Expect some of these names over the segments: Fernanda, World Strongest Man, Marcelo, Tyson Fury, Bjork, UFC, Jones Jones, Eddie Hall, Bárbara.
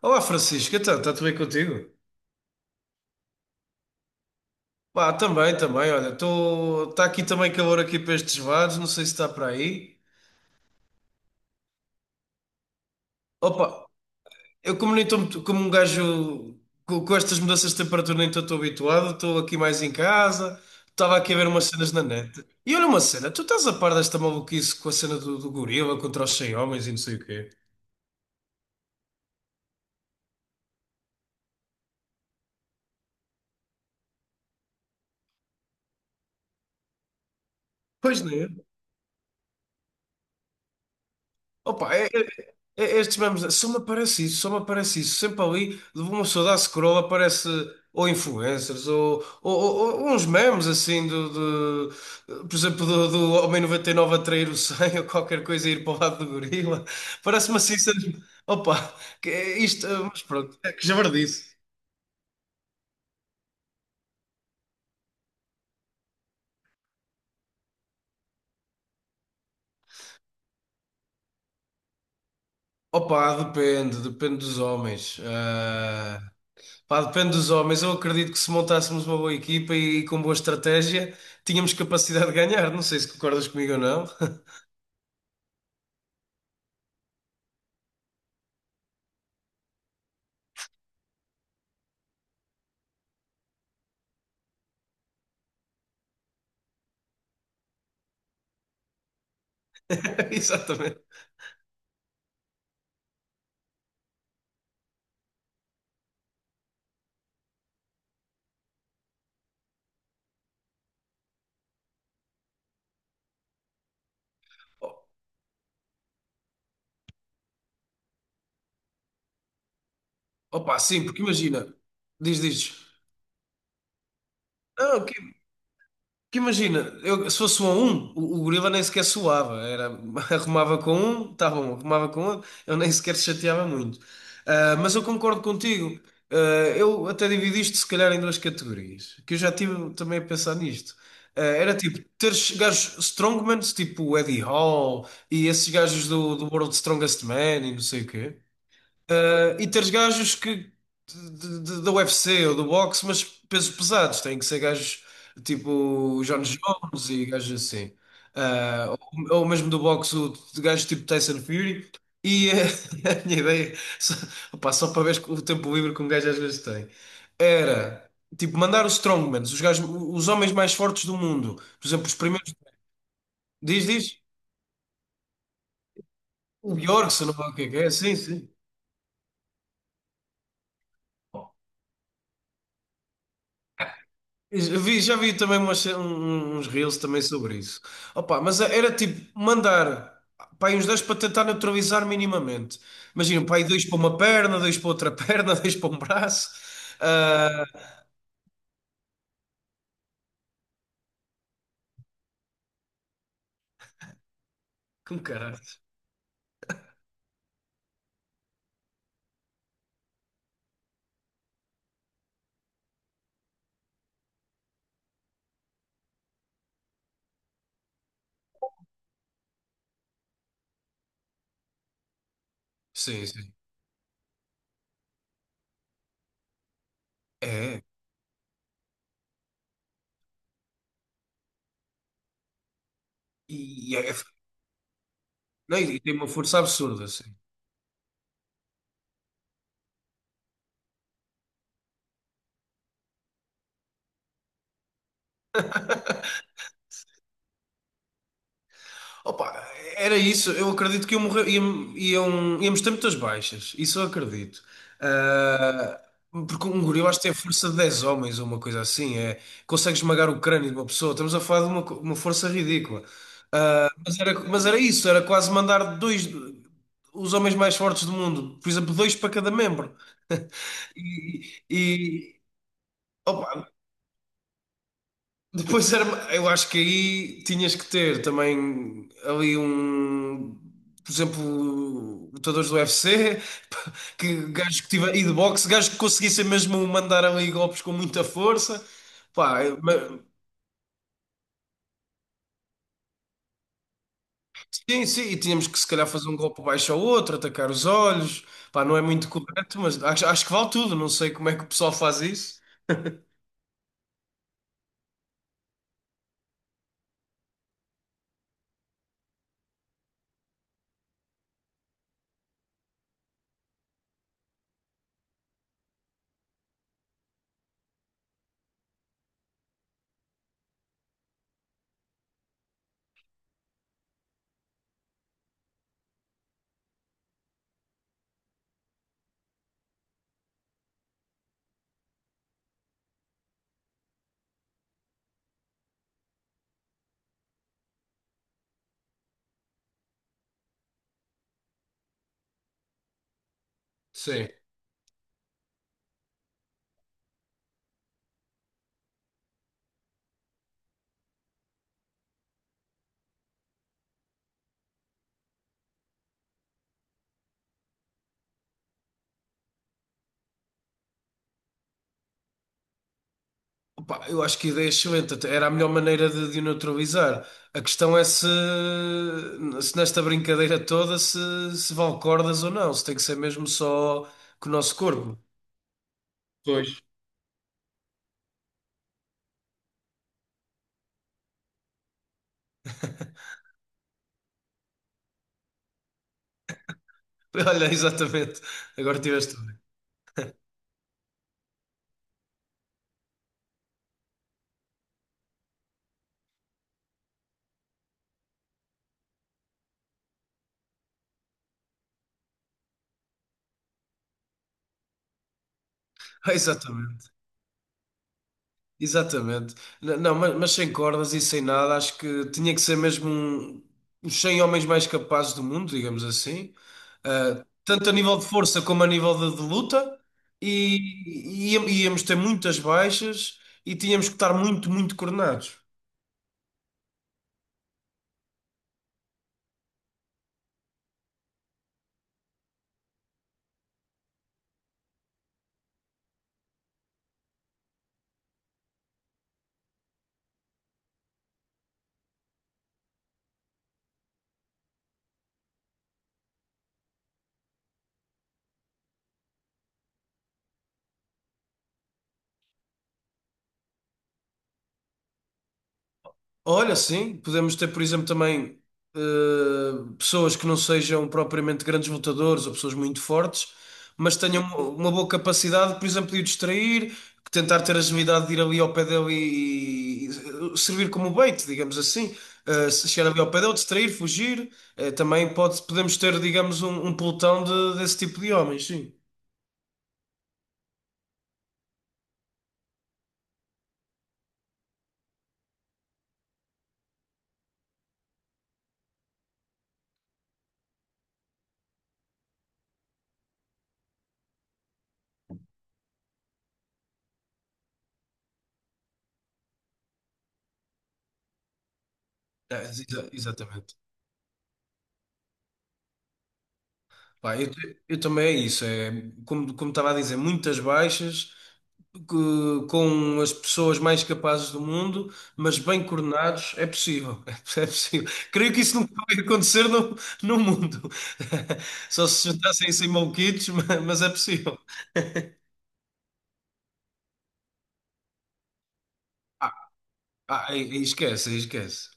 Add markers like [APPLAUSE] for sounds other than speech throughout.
Olá, Francisco, então, está tudo bem contigo? Pá, também, também, olha, estou está aqui também calor aqui para estes lados, não sei se está para aí. Opa, eu como nem estou muito- como um gajo com, estas mudanças de temperatura nem estou habituado, estou aqui mais em casa, estava aqui a ver umas cenas na net. E olha uma cena, tu estás a par desta maluquice com a cena do gorila contra os 100 homens e não sei o quê? Pois não é? Opa, estes memes, só me aparece isso, só me aparece isso. Sempre ali, uma pessoa dá scroll, aparece ou influencers, ou uns memes assim, por exemplo, do Homem 99 a trair o 100 [LAUGHS] ou qualquer coisa e ir para o lado do gorila. Parece-me assim, sempre- opa, que é isto, mas pronto, é que já disse. Opa, depende, depende dos homens. Ah, pá, depende dos homens. Eu acredito que se montássemos uma boa equipa e com boa estratégia, tínhamos capacidade de ganhar. Não sei se concordas comigo ou não. [LAUGHS] Exatamente. Opa, sim, porque imagina. Diz, diz. Não, ok. Que imagina, eu, se fosse um a um, o gorila nem sequer suava. Era, [LAUGHS] arrumava com um, tá bom, arrumava com outro, eu nem sequer chateava muito. Ah, mas eu concordo contigo. Ah, eu até dividi isto, se calhar, em duas categorias, que eu já tive também a pensar nisto. Era tipo, teres gajos strongmans, tipo o Eddie Hall, e esses gajos do World Strongest Man, e não sei o quê. E teres gajos que da UFC ou do boxe, mas pesos pesados, têm que ser gajos tipo o Jones e gajos assim. Ah, ou mesmo do boxe, o- de gajos tipo Tyson Fury. E [LAUGHS] a minha ideia, só, opá, só para ver o tempo livre que um gajo às vezes tem, era tipo mandar os strongmans, os gajos, os homens mais fortes do mundo, por exemplo, os primeiros, diz, diz, o Bjork, se não é o que é, sim, sim. Eu vi- já vi também umas- um- um, uns reels também sobre isso. Opa, mas era tipo mandar pá, aí uns dois para tentar neutralizar minimamente. Imagina, pá, aí dois para uma perna, dois para outra [LAUGHS] perna, dois para um braço. Ah, com caralho. Sim, sim. É. E, e é- não, e tem uma força absurda, assim. Opa, era isso. Eu acredito que iam morrer, iam, iam, íamos ter muitas baixas. Isso eu acredito. Ah, Porque um gorila acho que tem a força de 10 homens ou uma coisa assim. É, consegue esmagar o crânio de uma pessoa. Estamos a falar de uma, co- uma força ridícula. Mas era isso. Era quase mandar dois, os homens mais fortes do mundo. Por exemplo, dois para cada membro. [LAUGHS] E, e- opa, depois era, eu acho que aí tinhas que ter também ali um, por exemplo, lutadores do UFC, [LAUGHS] que gajos que tiver, e de boxe, gajos que conseguissem mesmo mandar ali golpes com muita força. Pá, eu- mas- sim, sim, e tínhamos que se calhar fazer um golpe baixo ao outro, atacar os olhos. Pá, não é muito correto, mas acho, acho que vale tudo. Não sei como é que o pessoal faz isso. Sim. Pá, eu acho que a ideia é excelente, até era a melhor maneira de o neutralizar. A questão é se, se nesta brincadeira toda se, se vale cordas ou não, se tem que ser mesmo só com o nosso corpo. [LAUGHS] Pois. Olha, exatamente. Agora tiveste bem. [LAUGHS] Exatamente. Exatamente. N- Não, mas sem cordas e sem nada, acho que tinha que ser mesmo um, os 100 homens mais capazes do mundo, digamos assim. Tanto a nível de força como a nível de luta, e, e íamos ter muitas baixas e tínhamos que estar muito, muito coordenados. Olha, sim, podemos ter, por exemplo, também pessoas que não sejam propriamente grandes lutadores ou pessoas muito fortes, mas tenham uma boa capacidade, por exemplo, de o distrair, tentar ter agilidade de ir ali ao pé dele e servir como bait, digamos assim. Eh, se chegar ali ao pé dele, distrair, fugir. Eh, também pode, podemos ter, digamos, um pelotão de- desse tipo de homens, sim. É, exa- exatamente. Pá, eu também é isso, é, como, como estava a dizer, muitas baixas. Que- com as pessoas mais capazes do mundo, mas bem coordenados, é possível. [LAUGHS] É possível. Creio que isso nunca vai acontecer no, no mundo. [LAUGHS] Só se juntassem sem maluquitos, [LAUGHS] ma- mas é possível. Ah, ah, aí- aí esquece, aí esquece.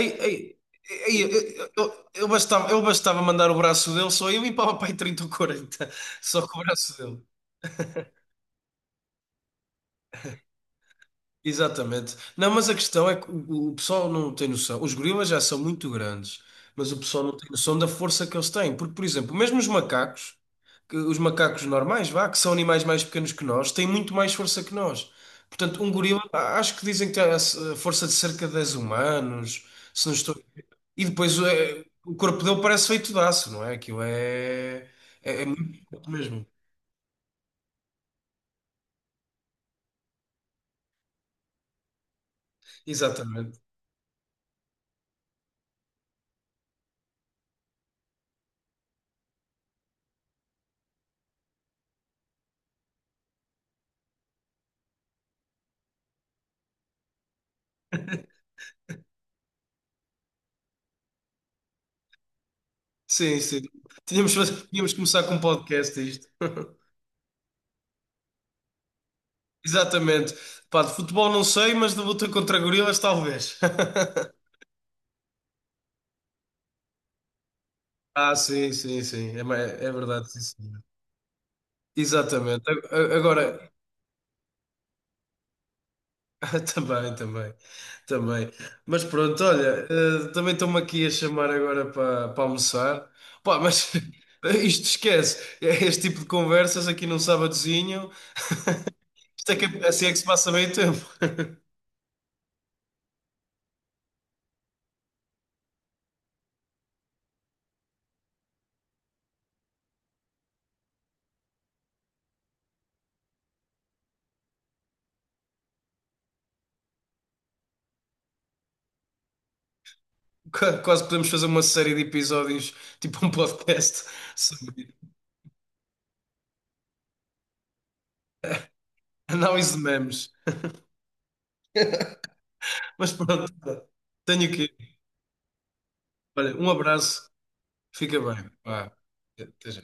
Ei, ei, ei, eu bastava mandar o braço dele, só eu limpava para aí 30 ou 40, só com o braço dele. Exatamente. Não, mas a questão é que o pessoal não tem noção. Os gorilas já são muito grandes, mas o pessoal não tem noção da força que eles têm. Porque, por exemplo, mesmo os macacos, que- os macacos normais, vá, que são animais mais pequenos que nós, têm muito mais força que nós. Portanto, um gorila, a- acho que dizem que tem a s- a força de cerca de 10 humanos, se não estou. E depois é, o corpo dele parece feito de aço, não é? Aquilo é, é, é muito forte mesmo. Exatamente. Sim, sim. Tínhamos, tínhamos que começar com um podcast a isto. [LAUGHS] Exatamente. Pá, de futebol não sei, mas de luta contra gorilas talvez. [LAUGHS] Ah, sim, sim, sim. É, ma- é verdade, sim, senhor. Exatamente. Agora, [LAUGHS] também, também, também. Mas pronto, olha, também estou-me aqui a chamar agora para para almoçar. Pá, mas [LAUGHS] isto esquece. Este tipo de conversas aqui num sábadozinho, isto é que, assim é que se passa meio tempo. [LAUGHS] Quase podemos fazer uma série de episódios, tipo um podcast, [LAUGHS] sobre análise de memes. [LAUGHS] Mas pronto, tenho que. Olha, um abraço, fica bem. Vá, até já.